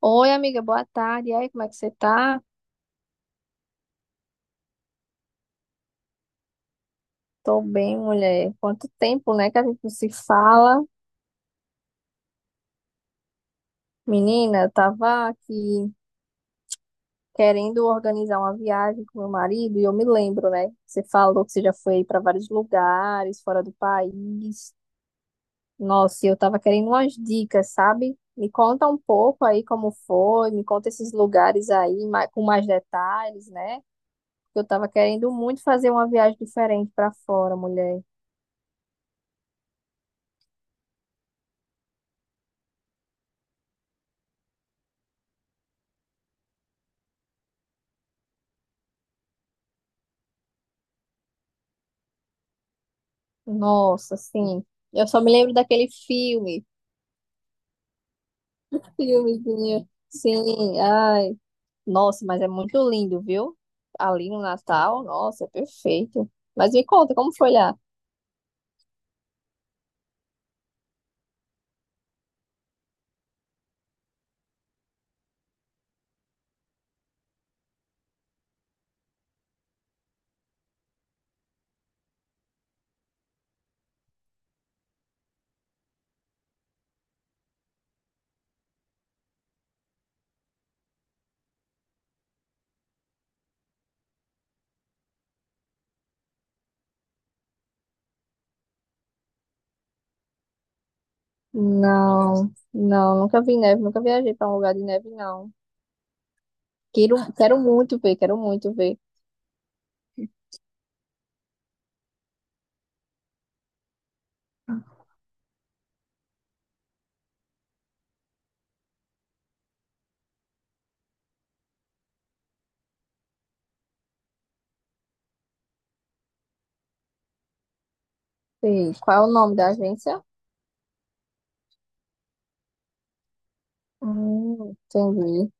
Oi, amiga, boa tarde. E aí, como é que você tá? Tô bem, mulher. Quanto tempo, né, que a gente não se fala? Menina, eu tava aqui querendo organizar uma viagem com meu marido e eu me lembro, né? Você falou que você já foi para vários lugares fora do país. Nossa, e eu tava querendo umas dicas, sabe? Me conta um pouco aí como foi, me conta esses lugares aí com mais detalhes, né? Eu tava querendo muito fazer uma viagem diferente para fora, mulher. Nossa, sim. Eu só me lembro daquele filme. Filmezinho. Sim, ai. Nossa, mas é muito lindo, viu? Ali no Natal, nossa, é perfeito. Mas me conta, como foi lá? Não, não, nunca vi neve, nunca viajei para um lugar de neve, não. Quero, quero muito ver, quero muito ver. Sim. Qual é o nome da agência? Entendi.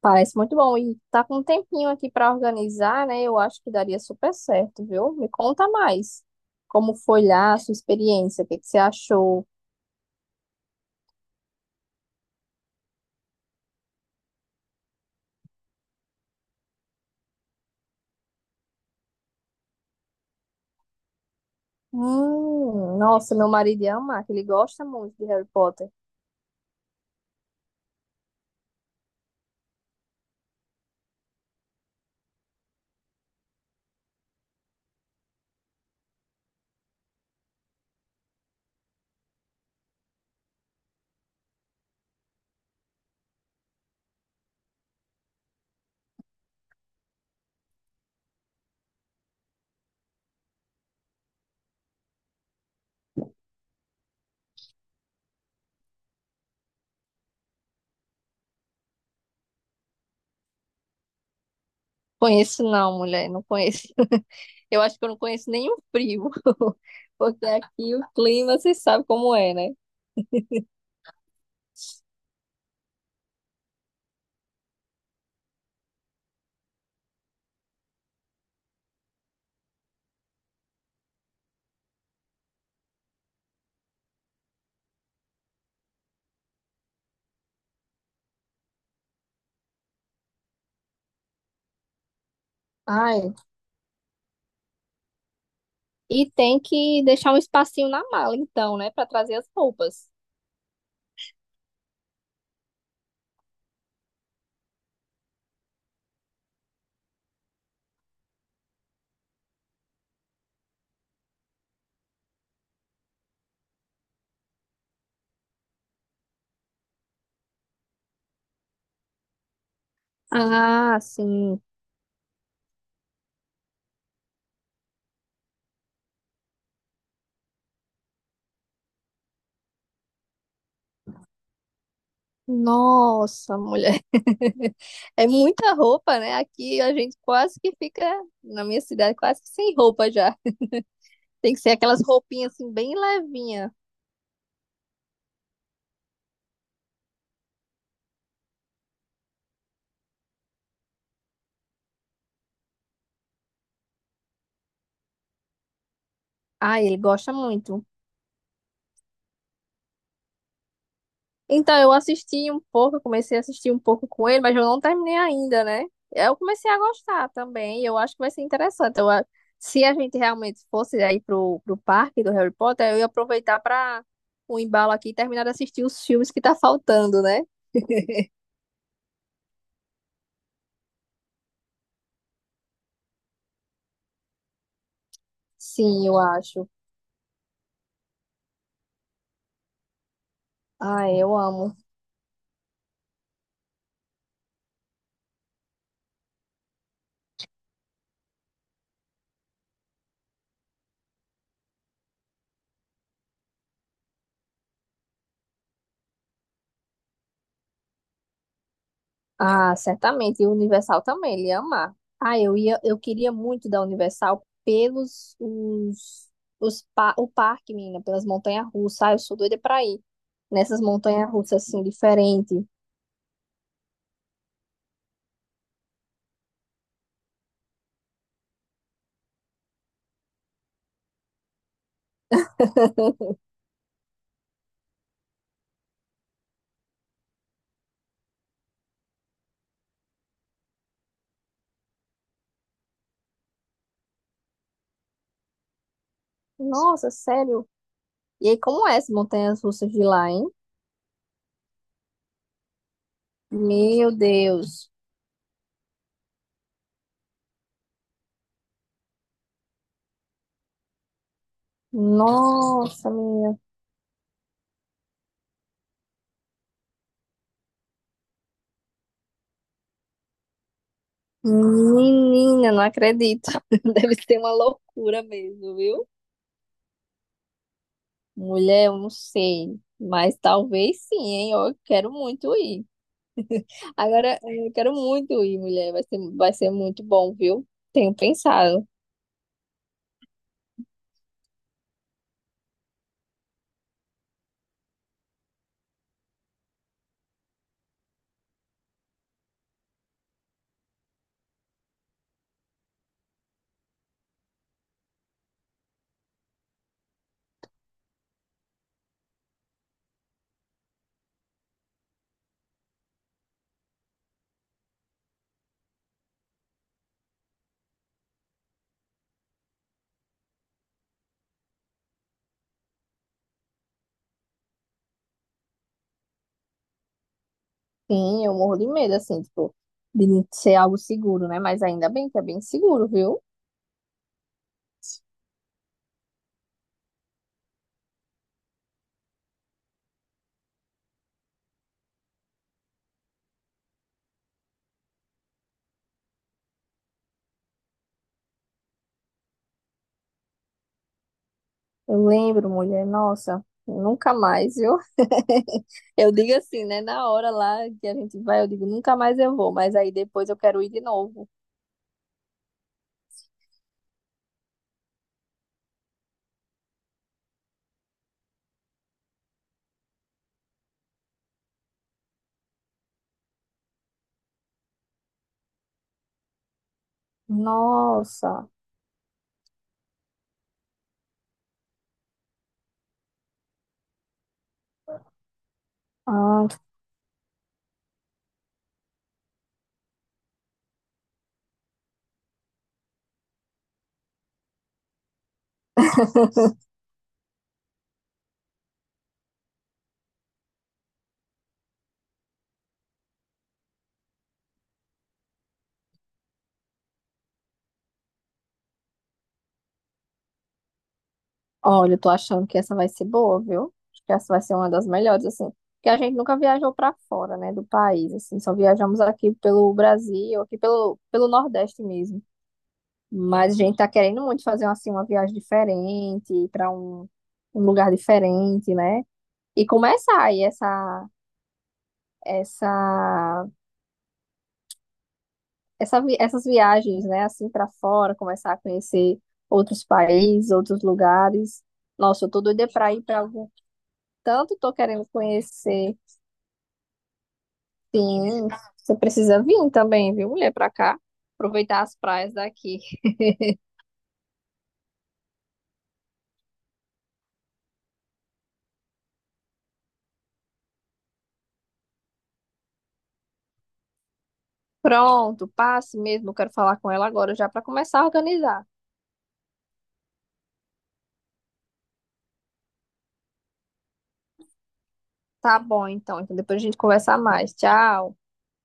Parece muito bom. E tá com um tempinho aqui para organizar, né? Eu acho que daria super certo, viu? Me conta mais. Como foi lá a sua experiência? O que que você achou? Nossa, meu marido ia amar, que ele gosta muito de Harry Potter. Conheço não, mulher, não conheço. Eu acho que eu não conheço nenhum frio, porque aqui o clima, você sabe como é, né? Ai, e tem que deixar um espacinho na mala, então, né, para trazer as roupas. Ah, sim. Nossa, mulher. É muita roupa, né? Aqui a gente quase que fica, na minha cidade, quase que sem roupa já. Tem que ser aquelas roupinhas assim, bem levinha. Ah, ele gosta muito. Então, eu assisti um pouco, eu comecei a assistir um pouco com ele, mas eu não terminei ainda, né? Eu comecei a gostar também, eu acho que vai ser interessante. Se a gente realmente fosse aí pro parque do Harry Potter, eu ia aproveitar para o embalo aqui e terminar de assistir os filmes que tá faltando, né? Sim, eu acho. Ah, eu amo. Ah, certamente. E o Universal também, ele ia amar. Ah, eu ia, eu queria muito da Universal pelos os pa- o parque, menina, pelas montanhas-russas. Ah, eu sou doida pra ir nessas montanhas-russas assim diferente. Nossa, sério. E aí, como é essas montanhas-russas de lá, hein? Meu Deus. Nossa, minha menina, não acredito. Deve ser uma loucura mesmo, viu? Mulher, eu não sei, mas talvez sim, hein? Eu quero muito ir. Agora, é, eu quero muito ir, mulher. Vai ser muito bom, viu? Tenho pensado. Sim, eu morro de medo, assim, tipo, de não ser algo seguro, né? Mas ainda bem que é bem seguro, viu? Eu lembro, mulher, nossa, nunca mais, viu? Eu digo assim, né? Na hora lá que a gente vai, eu digo, nunca mais eu vou, mas aí depois eu quero ir de novo. Nossa, ah, Olha, eu tô achando que essa vai ser boa, viu? Acho que essa vai ser uma das melhores, assim. Porque a gente nunca viajou pra fora, né, do país, assim. Só viajamos aqui pelo Brasil, aqui pelo Nordeste mesmo. Mas a gente tá querendo muito fazer, assim, uma viagem diferente, ir pra um, um lugar diferente, né? E começar aí essa, essas viagens, né, assim, pra fora, começar a conhecer outros países, outros lugares. Nossa, eu tô doida pra ir pra algum. Tanto tô querendo conhecer. Sim, você precisa vir também, viu, mulher, pra cá. Aproveitar as praias daqui. Pronto, passe mesmo. Eu quero falar com ela agora já pra começar a organizar. Tá bom, então. Então depois a gente conversa mais. Tchau.